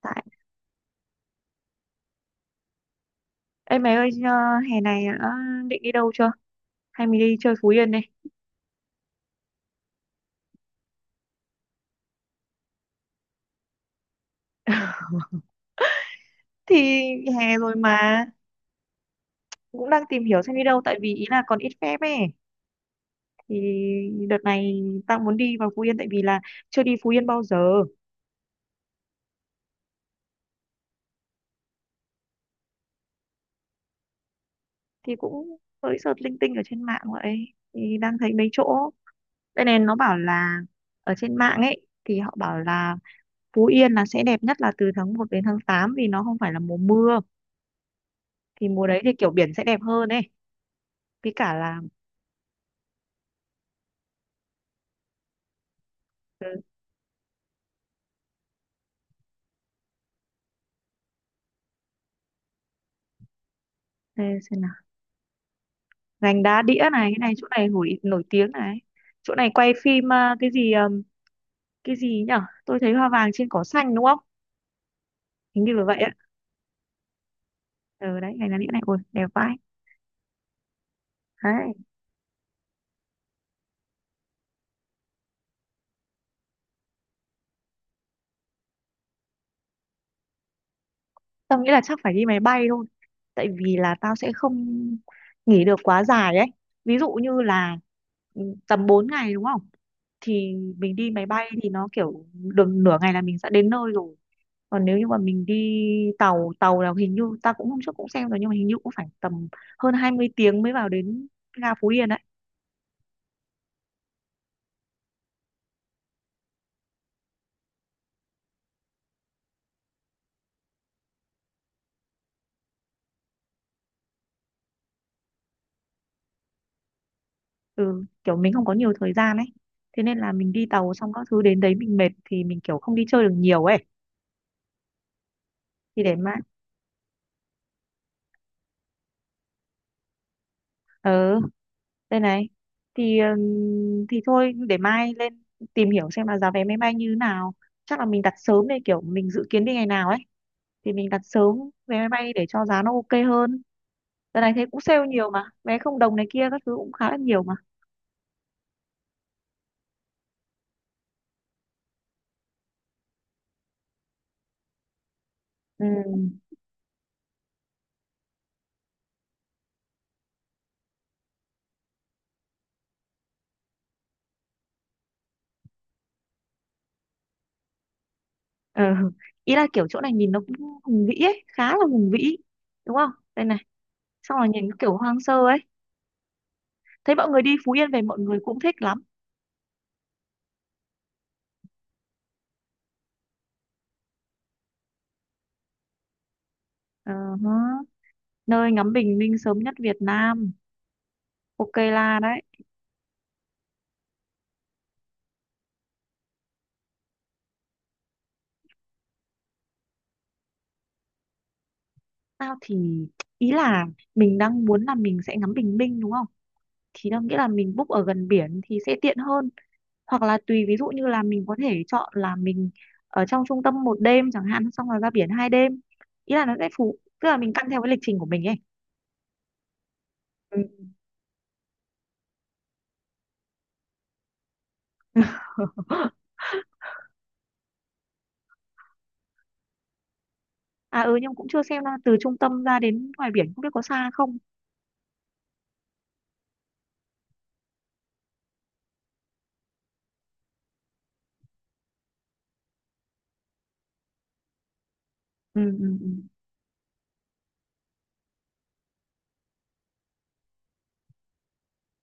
Tại Ê mày ơi ờ, hè này đã định đi đâu chưa? Hay mình đi chơi Phú Yên đi. Thì hè rồi mà cũng đang tìm hiểu xem đi đâu tại vì ý là còn ít phép ấy. Thì đợt này tao muốn đi vào Phú Yên tại vì là chưa đi Phú Yên bao giờ. Thì cũng mới search linh tinh ở trên mạng vậy. Thì đang thấy mấy chỗ. Đây này nó bảo là ở trên mạng ấy thì họ bảo là Phú Yên là sẽ đẹp nhất là từ tháng một đến tháng 8 vì nó không phải là mùa mưa. Thì mùa đấy thì kiểu biển sẽ đẹp hơn ấy. Với cả là ừ, thế xem nào. Gành đá đĩa này, cái này, chỗ này nổi nổi tiếng này, chỗ này quay phim à, cái gì nhở, tôi thấy hoa vàng trên cỏ xanh đúng không, hình như là vậy ạ. Ừ, đấy gành đá đĩa này ôi đẹp vãi. Đấy tao nghĩ là chắc phải đi máy bay thôi tại vì là tao sẽ không nghỉ được quá dài ấy, ví dụ như là ừ, tầm 4 ngày đúng không, thì mình đi máy bay thì nó kiểu được nửa ngày là mình sẽ đến nơi rồi. Còn nếu như mà mình đi tàu tàu là hình như ta cũng hôm trước cũng xem rồi nhưng mà hình như cũng phải tầm hơn 20 tiếng mới vào đến ga Phú Yên ấy. Ừ, kiểu mình không có nhiều thời gian ấy, thế nên là mình đi tàu xong các thứ đến đấy mình mệt thì mình kiểu không đi chơi được nhiều ấy. Thì để mai ờ đây này, thì thôi để mai lên tìm hiểu xem là giá vé máy bay như thế nào, chắc là mình đặt sớm đây kiểu mình dự kiến đi ngày nào ấy, thì mình đặt sớm vé máy bay để cho giá nó ok hơn. Đợt này thấy cũng sale nhiều mà, vé không đồng này kia các thứ cũng khá là nhiều mà. Ừ. Ừ. Ý là kiểu chỗ này nhìn nó cũng hùng vĩ ấy, khá là hùng vĩ. Đúng không? Đây này, xong là nhìn kiểu hoang sơ ấy. Thấy mọi người đi Phú Yên về mọi người cũng thích lắm. Ờ hớ. Nơi ngắm bình minh sớm nhất Việt Nam. Ok là đấy. Tao thì ý là mình đang muốn là mình sẽ ngắm bình minh đúng không? Thì tao nghĩ là mình book ở gần biển thì sẽ tiện hơn. Hoặc là tùy, ví dụ như là mình có thể chọn là mình ở trong trung tâm một đêm chẳng hạn xong rồi ra biển hai đêm, ý là nó sẽ phù tức là mình căn theo cái lịch trình của mình ấy. Ừ, à ừ nhưng cũng chưa xem là từ trung tâm ra đến ngoài biển không biết có xa không. Ừ.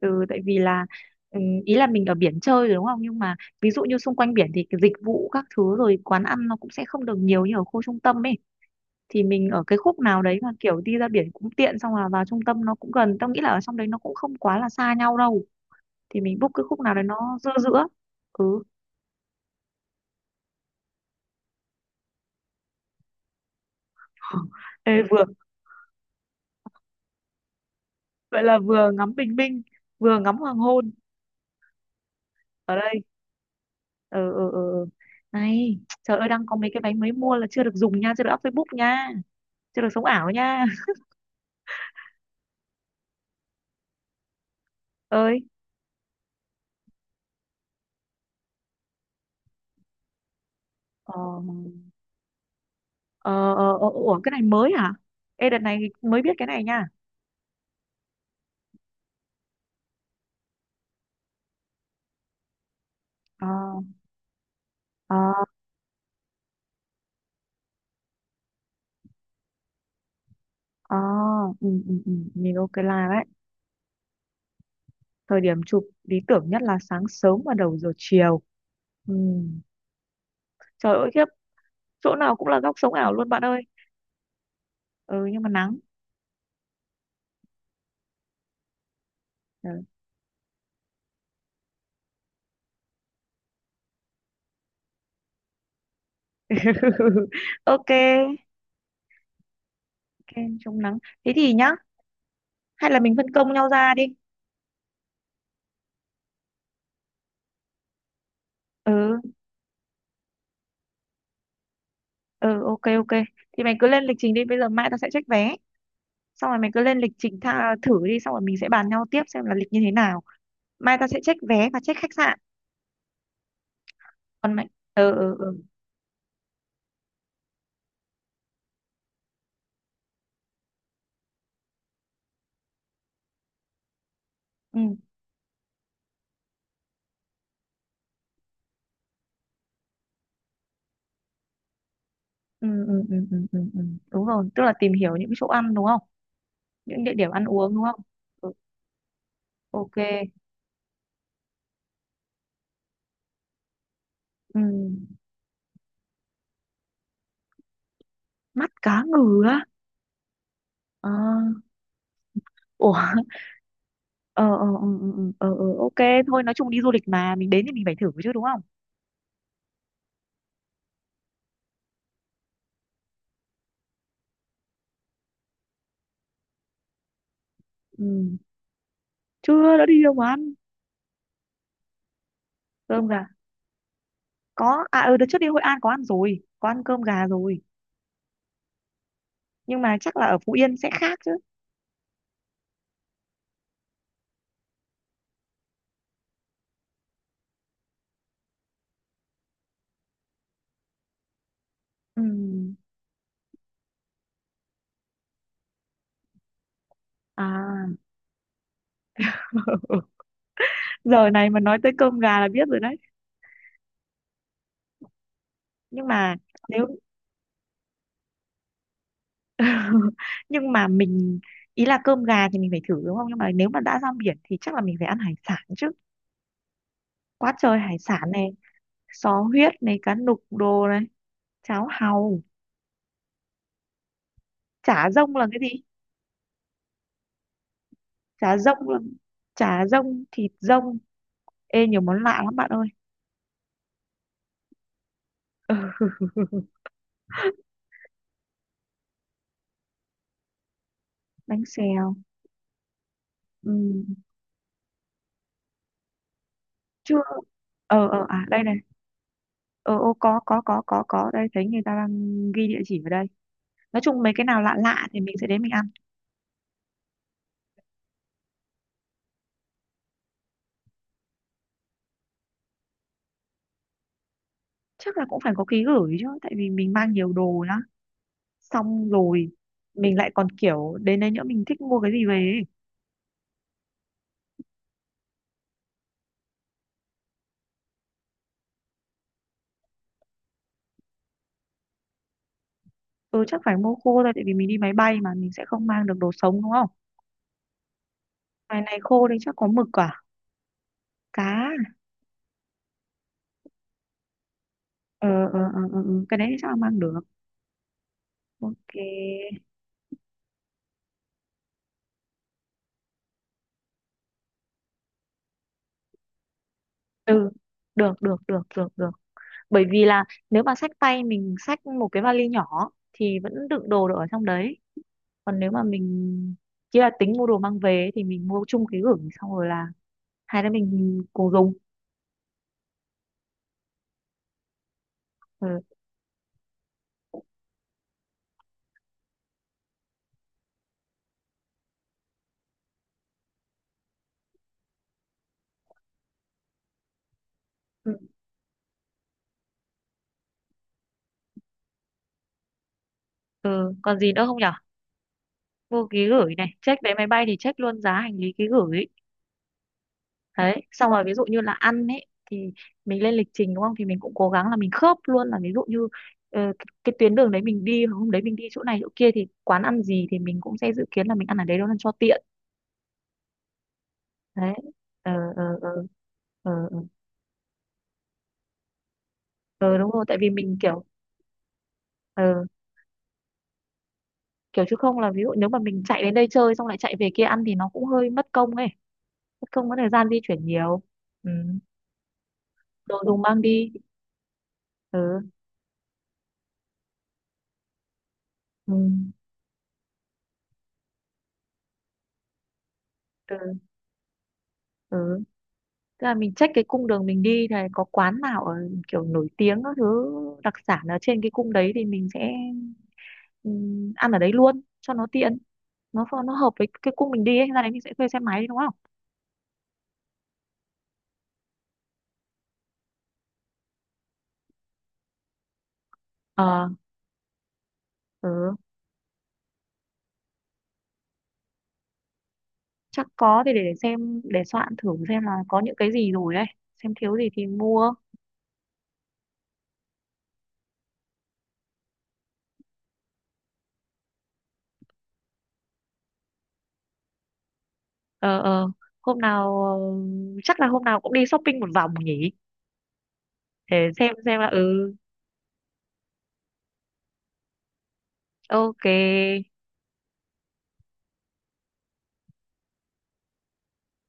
Ừ tại vì là ừ, ý là mình ở biển chơi rồi đúng không nhưng mà ví dụ như xung quanh biển thì cái dịch vụ các thứ rồi quán ăn nó cũng sẽ không được nhiều như ở khu trung tâm ấy, thì mình ở cái khúc nào đấy mà kiểu đi ra biển cũng tiện xong là vào trung tâm nó cũng gần, tao nghĩ là ở trong đấy nó cũng không quá là xa nhau đâu. Thì mình book cái khúc nào đấy nó giữa giữa. Ừ. Ê, vừa vậy là vừa ngắm bình minh vừa ngắm hoàng hôn ở đây. ờ ờ ờ ờ. Này trời ơi đang có mấy cái váy mới mua là chưa được dùng nha, chưa được up Facebook nha, chưa được sống ảo nha. Ơi ờ ờ, ủa cái này mới hả, ê đợt này mới biết cái này nha. ờ ờ ờ ừ. Nhìn ok là đấy, thời điểm chụp lý tưởng nhất là sáng sớm và đầu giờ chiều. Ừ. Trời ơi khiếp, chỗ nào cũng là góc sống ảo luôn bạn ơi. Ừ nhưng mà nắng. Ừ. Ok, ok chống nắng, thế thì nhá hay là mình phân công nhau ra đi. Ừ ừ ok ok, thì mày cứ lên lịch trình đi bây giờ, mai tao sẽ check vé, xong rồi mày cứ lên lịch trình thử đi xong rồi mình sẽ bàn nhau tiếp xem là lịch như thế nào. Mai tao sẽ check vé và check khách sạn, còn mày ừ ừ ừ ừ ừ ừ ừ ừ ừ ừ. Đúng rồi tức là tìm hiểu những chỗ ăn đúng không, những địa điểm ăn uống đúng không. Ừ, ok. Ừ. Mắt cá ngừ á. À. Ủa, ờ ừ, ờ ờ, ok thôi nói chung đi du lịch mà mình đến thì mình phải thử chứ đúng không. Ừ. Chưa, đã đi đâu mà ăn cơm gà. Có, à ừ đợt trước đi Hội An có ăn rồi, có ăn cơm gà rồi nhưng mà chắc là ở Phú Yên sẽ khác chứ. Ừ. À. Giờ này mà nói tới cơm gà là biết rồi đấy. Nhưng mà nếu nhưng mà mình ý là cơm gà thì mình phải thử đúng không, nhưng mà nếu mà đã ra biển thì chắc là mình phải ăn hải sản chứ, quá trời hải sản này, sò huyết này, cá nục đồ này, cháo hàu, chả rông là cái gì? Chả rông là chả rông thịt rông, ê nhiều món lạ lắm bạn ơi, bánh xèo. Ừ. Chưa. À đây này, ờ ô có đây, thấy người ta đang ghi địa chỉ vào đây, nói chung mấy cái nào lạ lạ thì mình sẽ đến mình ăn. Chắc là cũng phải có ký gửi chứ tại vì mình mang nhiều đồ lắm, xong rồi mình lại còn kiểu đến đây nữa mình thích mua cái gì về ấy. Ừ chắc phải mua khô thôi tại vì mình đi máy bay mà mình sẽ không mang được đồ sống đúng không. Ngoài này khô đây chắc có mực à, cá ờ, cái đấy chắc là mang được. Ok. ừ Được được được được được, bởi vì là nếu mà xách tay mình xách một cái vali nhỏ thì vẫn đựng đồ được ở trong đấy, còn nếu mà mình chỉ là tính mua đồ mang về ấy, thì mình mua chung ký gửi, xong rồi là hai đứa mình cùng dùng. Ừ. Ừ. Ừ. Còn gì nữa không nhở? Mua ký gửi này, check vé máy bay thì check luôn giá hành lý ký gửi đấy, xong rồi ví dụ như là ăn ấy, thì mình lên lịch trình đúng không thì mình cũng cố gắng là mình khớp luôn là ví dụ như ờ, cái tuyến đường đấy mình đi hôm đấy mình đi chỗ này chỗ kia thì quán ăn gì thì mình cũng sẽ dự kiến là mình ăn ở đấy đâu ăn cho tiện. Đấy. ờ ờ ờ ờ ờ Ờ, đúng rồi tại vì mình kiểu ờ, kiểu chứ không là ví dụ nếu mà mình chạy đến đây chơi xong lại chạy về kia ăn thì nó cũng hơi mất công ấy, mất công có thời gian di chuyển nhiều. Ừ. Đồ dùng mang đi. ừ ừ ừ, ừ. Tức là mình check cái cung đường mình đi này có quán nào ở kiểu nổi tiếng các thứ, đặc sản ở trên cái cung đấy thì mình sẽ ăn ở đấy luôn cho nó tiện, nó nó hợp với cái cung mình đi ấy, ra đấy mình sẽ thuê xe máy đi, đúng không. Ờ ừ. Chắc có thì để xem để soạn thử xem là có những cái gì rồi đấy, xem thiếu gì thì mua. ờ ờ Hôm nào ờ, chắc là hôm nào cũng đi shopping một vòng nhỉ, để xem là ừ ok.